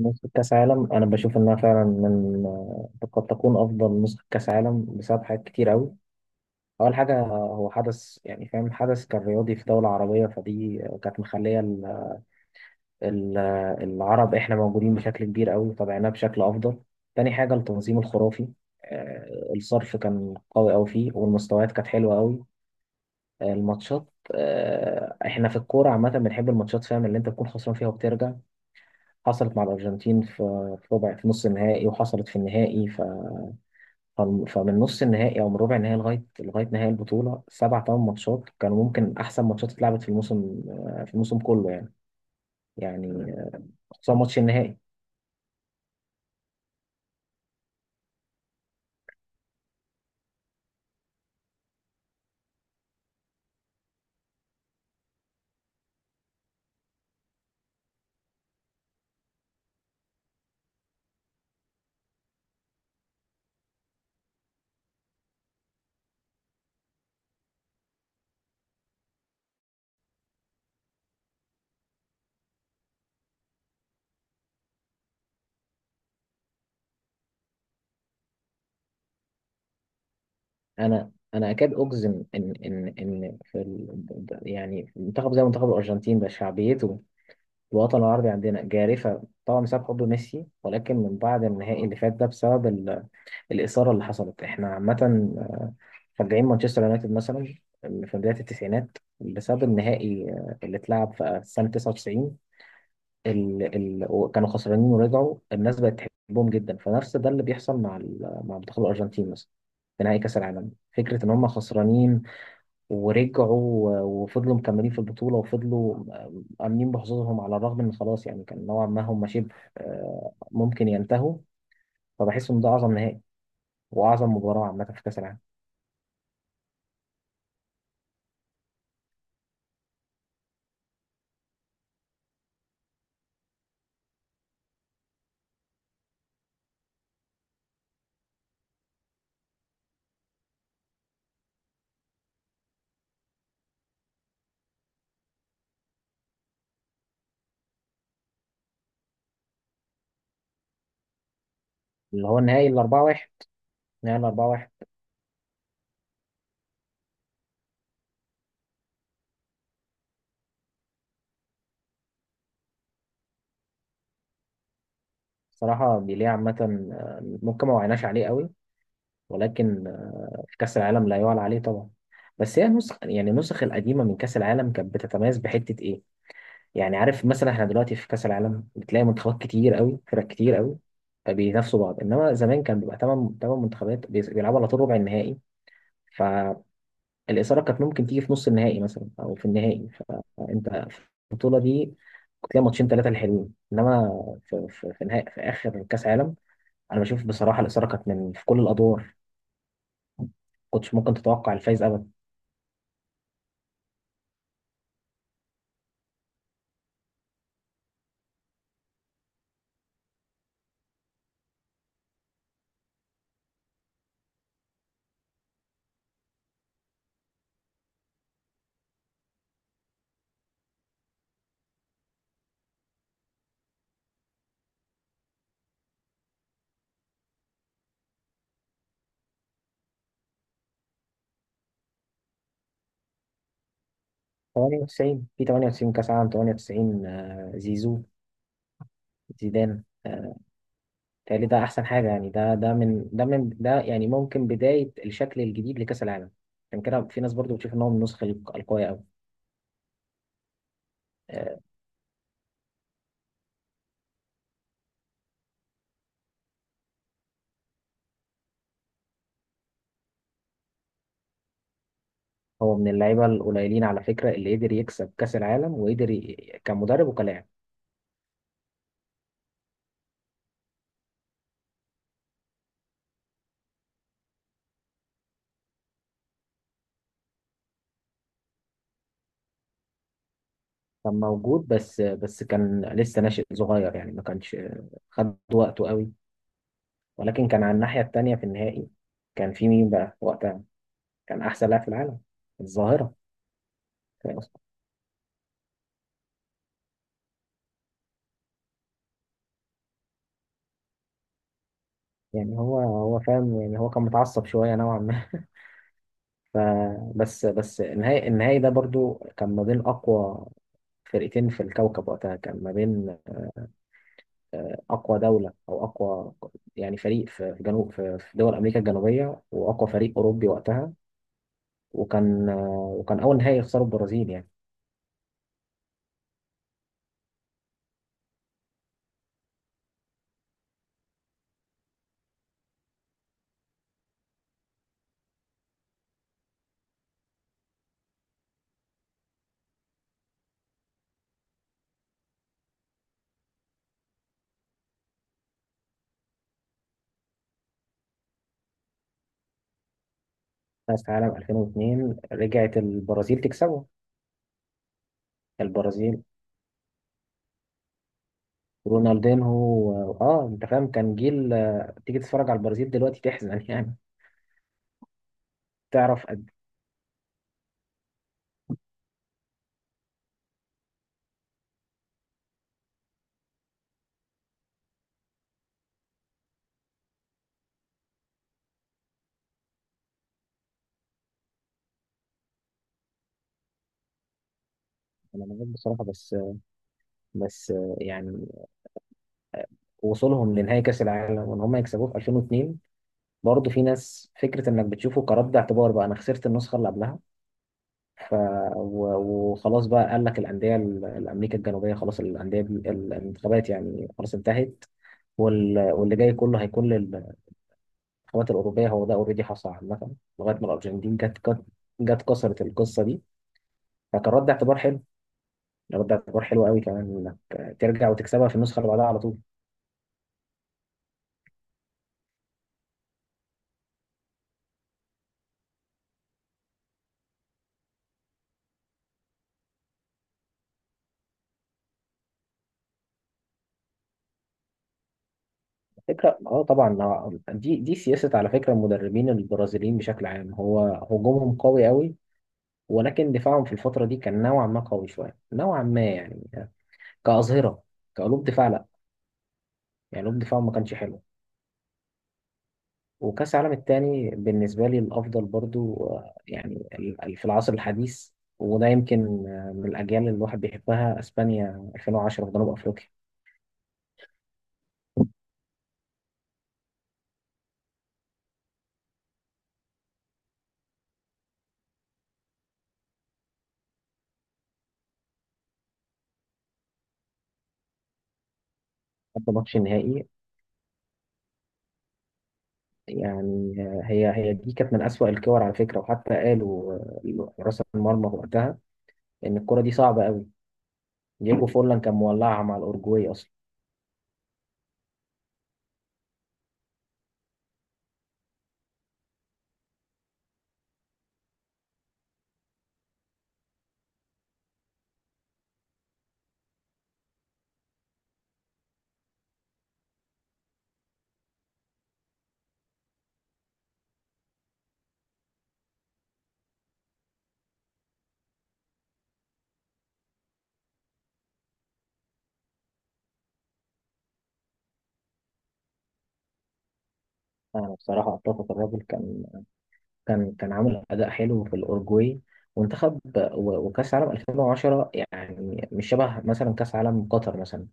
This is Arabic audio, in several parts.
نسخة كأس عالم أنا بشوف إنها فعلا قد تكون أفضل نسخة كأس عالم بسبب حاجات كتير أوي. أول حاجة هو حدث، يعني فاهم، حدث كان رياضي في دولة عربية، فدي كانت مخلية ال- العرب، إحنا موجودين بشكل كبير أوي، تابعناه بشكل أفضل. تاني حاجة التنظيم الخرافي. الصرف كان قوي أوي فيه، والمستويات كانت حلوة أوي. آه، الماتشات آه، إحنا في الكورة عامة بنحب الماتشات، فاهم، اللي أنت تكون خسران فيها وبترجع. حصلت مع الأرجنتين في نص النهائي، وحصلت في النهائي. فمن نص النهائي أو من ربع النهائي، لغاية نهائي البطولة، سبع ثمان ماتشات كانوا ممكن أحسن ماتشات اتلعبت في الموسم، في الموسم كله، يعني آه، خصوصا ماتش النهائي. أنا أكاد أجزم يعني في منتخب زي منتخب الأرجنتين ده، شعبيته في الوطن العربي عندنا جارفة طبعا بسبب حب ميسي، ولكن من بعد النهائي اللي فات ده، بسبب الإثارة اللي حصلت. إحنا عامة آه، مشجعين مانشستر يونايتد مثلا في بداية التسعينات، بسبب النهائي اللي اتلعب في سنة 99، وكانوا خسرانين ورجعوا، الناس بقت تحبهم جدا. فنفس ده اللي بيحصل مع منتخب الأرجنتين مثلا في نهائي كأس العالم. فكرة إن هم خسرانين ورجعوا وفضلوا مكملين في البطولة، وفضلوا آمنين بحظوظهم، على الرغم إن خلاص يعني كان نوعا ما هم شبه ممكن ينتهوا. فبحس إن ده أعظم نهائي وأعظم مباراة عامة في كأس العالم. اللي هو النهائي 4-1، نهائي 4-1. صراحة بيليه عامة ممكن ما وعناش عليه قوي، ولكن في كأس العالم لا يعلى عليه طبعا. بس هي النسخ، يعني النسخ القديمة من كأس العالم كانت بتتميز بحتة إيه؟ يعني عارف مثلا، إحنا دلوقتي في كأس العالم بتلاقي منتخبات كتير قوي، فرق كتير قوي بينافسوا بعض، إنما زمان كان بيبقى تمن، تمن منتخبات بيلعبوا على طول ربع النهائي. ف الإثارة كانت ممكن تيجي في نص النهائي مثلا أو في النهائي. فأنت في البطولة دي كنت تلاقي ماتشين، ثلاثة الحلوين، إنما نهاية، في آخر كأس عالم، أنا بشوف بصراحة الإثارة كانت في كل الأدوار، ما كنتش ممكن تتوقع الفايز أبدا. 98، في 98، كأس عالم 98، زيزو، زيدان، تهيألي ده أحسن حاجة، يعني ده من يعني ممكن بداية الشكل الجديد لكأس العالم. عشان كده في ناس برضو بتشوف إن هو من النسخة القوية أوي. آه، هو من اللعيبه القليلين على فكره اللي قدر يكسب كاس العالم وقدر كمدرب وكلاعب. كان موجود، بس كان لسه ناشئ صغير، يعني ما كانش خد وقته قوي. ولكن كان على الناحيه التانيه في النهائي كان في مين بقى وقتها، كان احسن لاعب في العالم، الظاهره. فاهم قصدي؟ يعني هو فاهم، يعني هو كان متعصب شويه نوعا ما. فبس النهائي ده برضو كان ما بين اقوى فرقتين في الكوكب وقتها، كان ما بين اقوى دوله او اقوى، يعني فريق في في جنوب في في دول امريكا الجنوبيه، واقوى فريق اوروبي وقتها. وكان اول نهائي يخسره البرازيل، يعني. كاس العالم 2002 رجعت البرازيل تكسبه، البرازيل، رونالدينهو، انت فاهم كان جيل. تيجي تتفرج على البرازيل دلوقتي تحزن، يعني، تعرف قد إيه. انا معاك بصراحه، بس يعني وصولهم لنهائي كاس العالم وان هم يكسبوه في 2002، برضه في ناس فكره انك بتشوفه كرد اعتبار، بقى انا خسرت النسخه اللي قبلها. ف و- وخلاص بقى، قال لك الأندية الأمريكا الجنوبية خلاص، الانتخابات يعني خلاص انتهت، واللي جاي كله هيكون للانتخابات الأوروبية. هو ده أوريدي حصل عامة لغاية ما الأرجنتين جت، جت كسرت القصة دي. فكان رد اعتبار حلو، يعني رد اعتبار حلو قوي كمان، إنك ترجع وتكسبها في النسخة اللي بعدها على طول. فكرة، اه طبعا، دي سياسة على فكرة المدربين البرازيليين بشكل عام. هو هجومهم قوي قوي، ولكن دفاعهم في الفترة دي كان نوعا ما قوي شوية نوعا ما، يعني كأظهرة، كقلوب دفاع لا، يعني قلوب دفاع ما كانش حلو. وكأس العالم التاني بالنسبة لي الأفضل برضو، في العصر الحديث. وده يمكن من الأجيال اللي الواحد بيحبها، أسبانيا 2010 في جنوب أفريقيا. حتى ماتش النهائي، يعني هي دي كانت من أسوأ الكور على فكرة، وحتى قالوا حراس المرمى وقتها إن الكرة دي صعبة قوي. دييجو فورلان كان مولعها مع الأورجواي أصلا. أنا بصراحة أتفق، الراجل كان عامل اداء حلو في الاورجواي وانتخب. وكاس عالم 2010 يعني مش شبه مثلا كاس عالم قطر مثلا.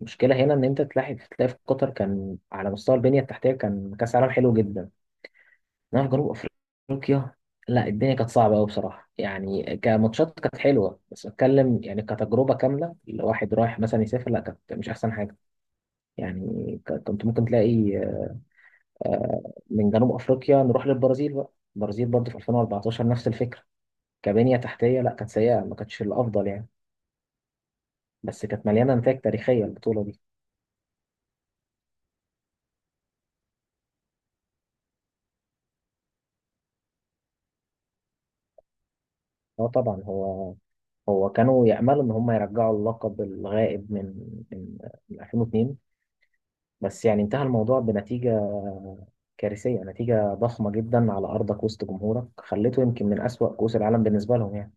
المشكله هنا ان انت تلاحظ، تلاقي في قطر كان على مستوى البنيه التحتيه كان كاس عالم حلو جدا، انما في جنوب افريقيا لا، الدنيا كانت صعبه قوي بصراحه، يعني كماتشات كانت حلوه، بس اتكلم يعني كتجربه كامله الواحد رايح مثلا يسافر، لا كانت مش احسن حاجه، يعني كنت ممكن تلاقي، آه، من جنوب افريقيا نروح للبرازيل بقى. البرازيل برضه في 2014 نفس الفكره، كبنية تحتية لا كانت سيئة ما كانتش الأفضل يعني. بس كانت مليانة نتائج تاريخية البطولة دي. اه طبعا، هو كانوا يأملوا إن هم يرجعوا اللقب الغائب من من من 2002، بس يعني انتهى الموضوع بنتيجة كارثية، نتيجة ضخمة جدا على أرضك وسط جمهورك، خليته يمكن من أسوأ كؤوس العالم بالنسبة لهم، يعني.